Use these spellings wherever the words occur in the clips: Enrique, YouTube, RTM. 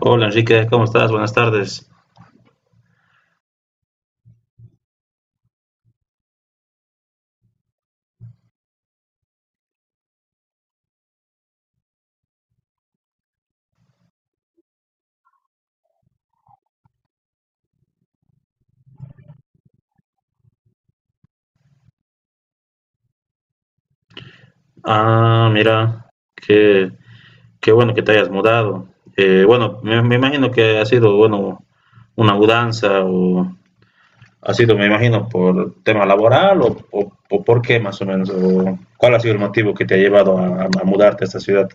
Hola Enrique, ¿cómo estás? Buenas tardes. Ah, mira, qué bueno que te hayas mudado. Bueno, me imagino que ha sido, bueno, una mudanza o ha sido, me imagino, por tema laboral o por qué más o menos, o cuál ha sido el motivo que te ha llevado a mudarte a esta ciudad.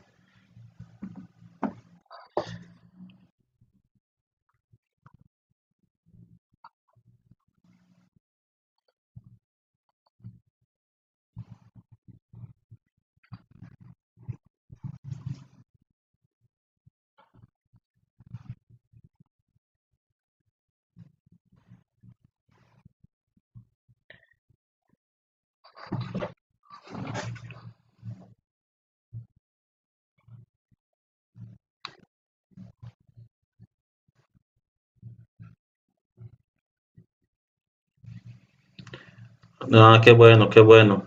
Ah, qué bueno, qué bueno.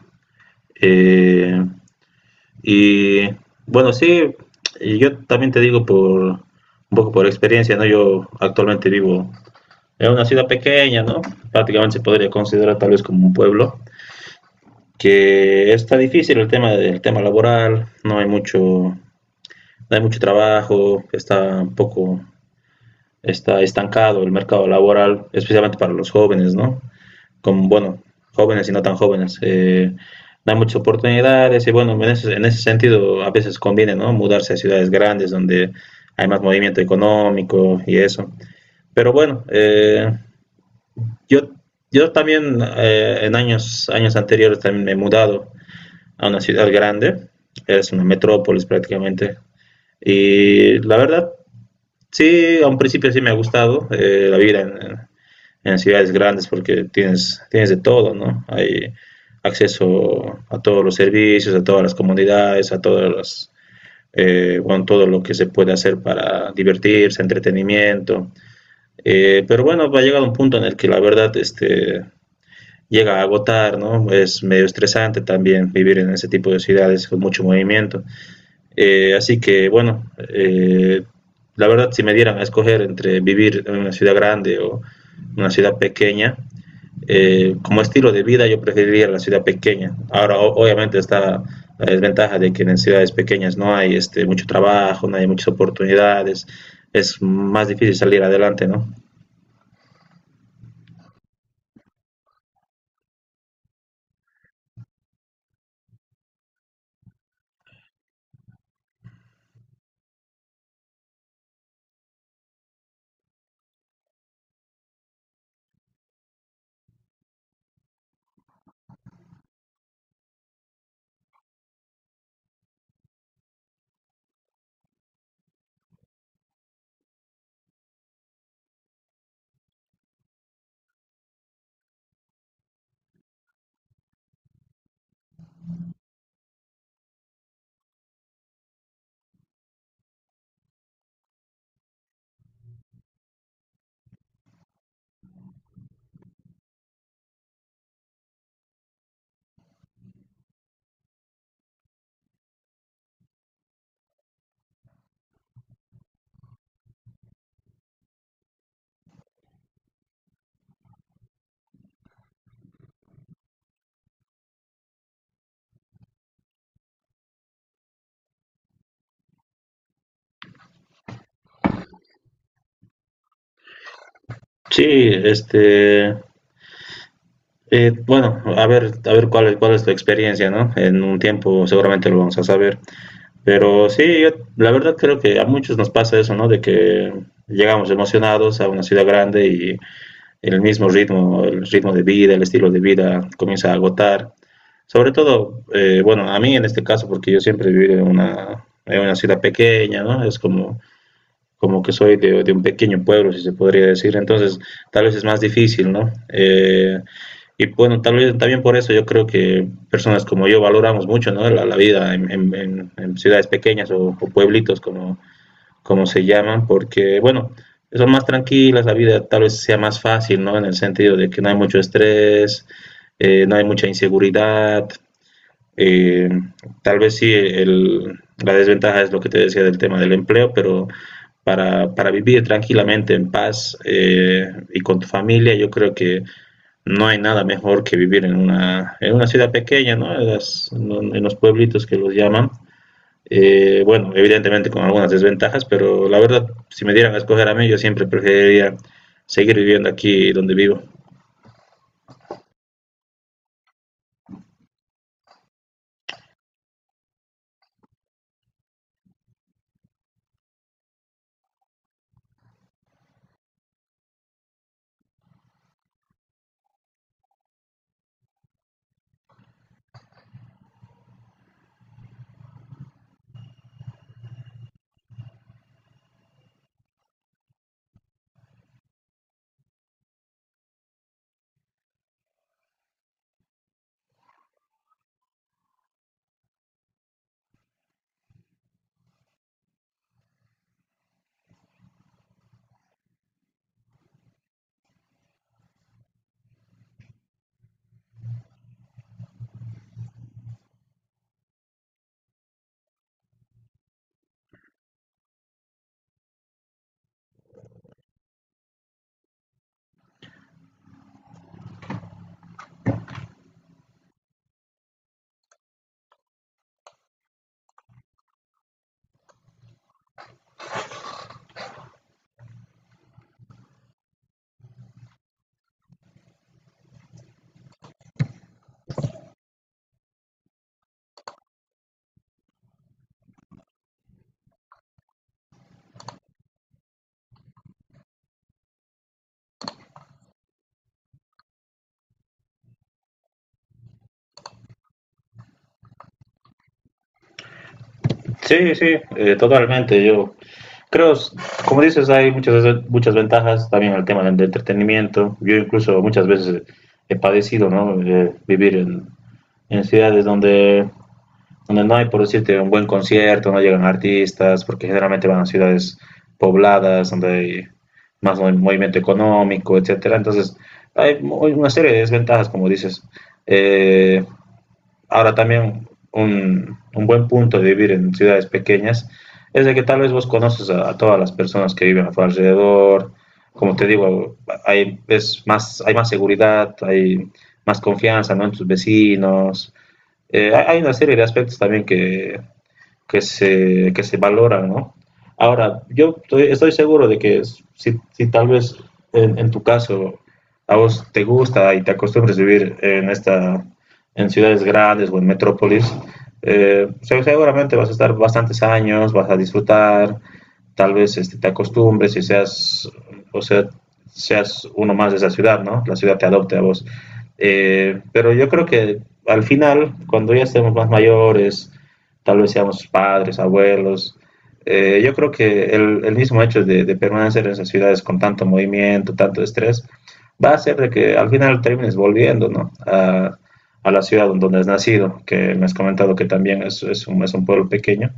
Eh, y bueno, sí, y yo también te digo por un poco por experiencia, ¿no? Yo actualmente vivo. Es una ciudad pequeña, ¿no? Prácticamente se podría considerar tal vez como un pueblo, que está difícil el tema del tema laboral, no hay mucho, no hay mucho trabajo, está un poco, está estancado el mercado laboral, especialmente para los jóvenes, ¿no? Como, bueno, jóvenes y no tan jóvenes. No hay muchas oportunidades y bueno, en ese sentido a veces conviene, ¿no? Mudarse a ciudades grandes donde hay más movimiento económico y eso. Pero bueno, Yo, yo también en años, años anteriores también me he mudado a una ciudad grande, es una metrópolis prácticamente. Y la verdad, sí, a un principio sí me ha gustado la vida en ciudades grandes porque tienes, tienes de todo, ¿no? Hay acceso a todos los servicios, a todas las comunidades, a todas las, bueno, todo lo que se puede hacer para divertirse, entretenimiento. Pero bueno, va a llegar un punto en el que la verdad este, llega a agotar, ¿no? Es medio estresante también vivir en ese tipo de ciudades con mucho movimiento. Así que, bueno, eh, la verdad, si me dieran a escoger entre vivir en una ciudad grande o una ciudad pequeña, como estilo de vida yo preferiría la ciudad pequeña. Ahora, obviamente, está la desventaja de que en ciudades pequeñas no hay este, mucho trabajo, no hay muchas oportunidades, es más difícil salir adelante, ¿no? Sí, este, bueno, a ver cuál es tu experiencia, ¿no? En un tiempo seguramente lo vamos a saber. Pero sí, yo la verdad creo que a muchos nos pasa eso, ¿no? De que llegamos emocionados a una ciudad grande y el mismo ritmo, el ritmo de vida, el estilo de vida comienza a agotar. Sobre todo, bueno, a mí en este caso, porque yo siempre he vivido en una ciudad pequeña, ¿no? Es como como que soy un pequeño pueblo, si se podría decir, entonces tal vez es más difícil, ¿no? Y bueno, tal vez también por eso yo creo que personas como yo valoramos mucho, ¿no?, vida en ciudades pequeñas o pueblitos, como, como se llaman, porque, bueno, son más tranquilas, la vida tal vez sea más fácil, ¿no? En el sentido de que no hay mucho estrés, no hay mucha inseguridad, eh, tal vez sí, la desventaja es lo que te decía del tema del empleo, pero para vivir tranquilamente, en paz y con tu familia, yo creo que no hay nada mejor que vivir en una ciudad pequeña, ¿no? En, las- ¿no? en los pueblitos que los llaman. Bueno, evidentemente con algunas desventajas, pero la verdad, si me dieran a escoger a mí, yo siempre preferiría seguir viviendo aquí donde vivo. Sí, sí, totalmente. Yo creo, como dices, hay muchas, muchas ventajas también al tema del entretenimiento. Yo incluso muchas veces he padecido, ¿no? Vivir en ciudades donde, donde no hay, por decirte, un buen concierto, no llegan artistas, porque generalmente van a ciudades pobladas, donde hay movimiento económico, etcétera. Entonces, una serie de desventajas, como dices. Eh, Ahora también un buen punto de vivir en ciudades pequeñas es de que tal vez vos conoces a todas las personas que viven a tu alrededor. Como te digo, hay, es más, hay más seguridad, hay más confianza, ¿no?, en tus vecinos. Hay, hay una serie de aspectos también que se valoran, ¿no? Ahora, yo estoy, estoy seguro de que si tal vez tu caso a vos te gusta y te acostumbres a vivir en ciudades grandes o en metrópolis, seguramente vas a estar bastantes años, vas a disfrutar, tal vez este, te acostumbres y seas, o sea, seas uno más de esa ciudad, ¿no? La ciudad te adopte a vos. Pero yo creo que al final, cuando ya estemos más mayores, tal vez seamos padres, abuelos. Yo creo que el mismo hecho permanecer en esas ciudades con tanto movimiento, tanto estrés, va a hacer de que al final termines volviendo, ¿no?, a la ciudad donde has nacido, que me has comentado que también es un pueblo pequeño,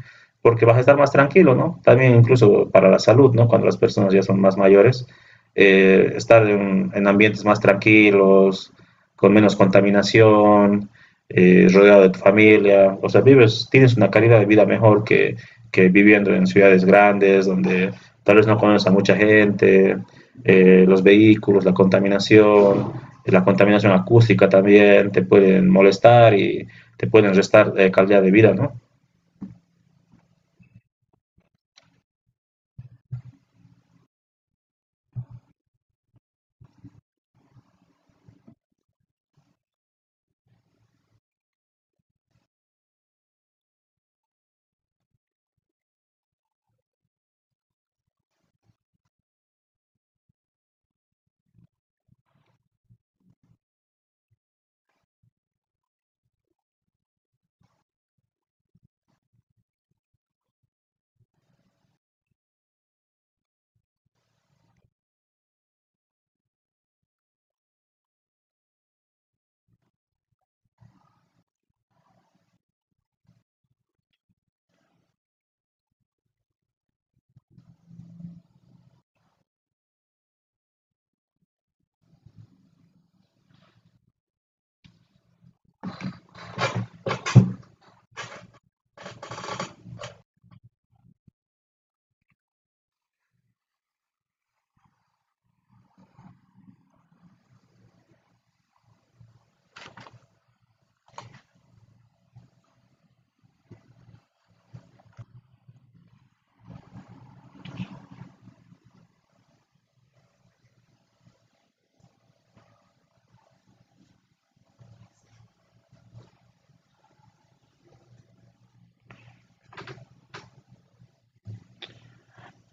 porque vas a estar más tranquilo, ¿no? También incluso para la salud, ¿no? Cuando las personas ya son más mayores, estar ambientes más tranquilos, con menos contaminación, rodeado de tu familia, o sea, vives, tienes una calidad de vida mejor que viviendo en ciudades grandes donde tal vez no conoces a mucha gente, los vehículos, la contaminación acústica también te pueden molestar y te pueden restar calidad de vida, ¿no?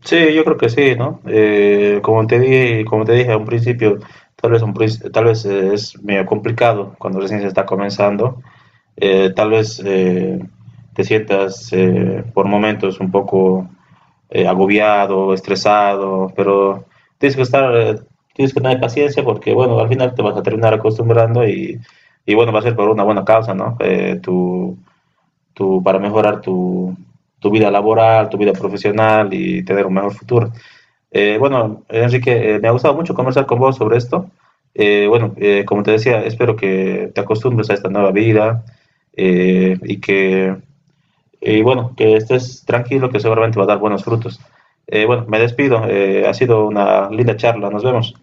Sí, yo creo que sí, ¿no? Como te dije a un principio, tal vez, tal vez es medio complicado cuando recién se está comenzando, tal vez te sientas por momentos un poco agobiado, estresado, pero tienes que estar, eh, tienes que tener paciencia porque, bueno, al final te vas a terminar acostumbrando y bueno, va a ser por una buena causa, ¿no? Para mejorar tu, tu vida laboral, tu vida profesional y tener un mejor futuro. Bueno, Enrique, me ha gustado mucho conversar con vos sobre esto. Bueno, como te decía, espero que te acostumbres a esta nueva vida eh, y que, y bueno, que estés tranquilo, que seguramente va a dar buenos frutos. Bueno, me despido. Ha sido una linda charla. Nos vemos.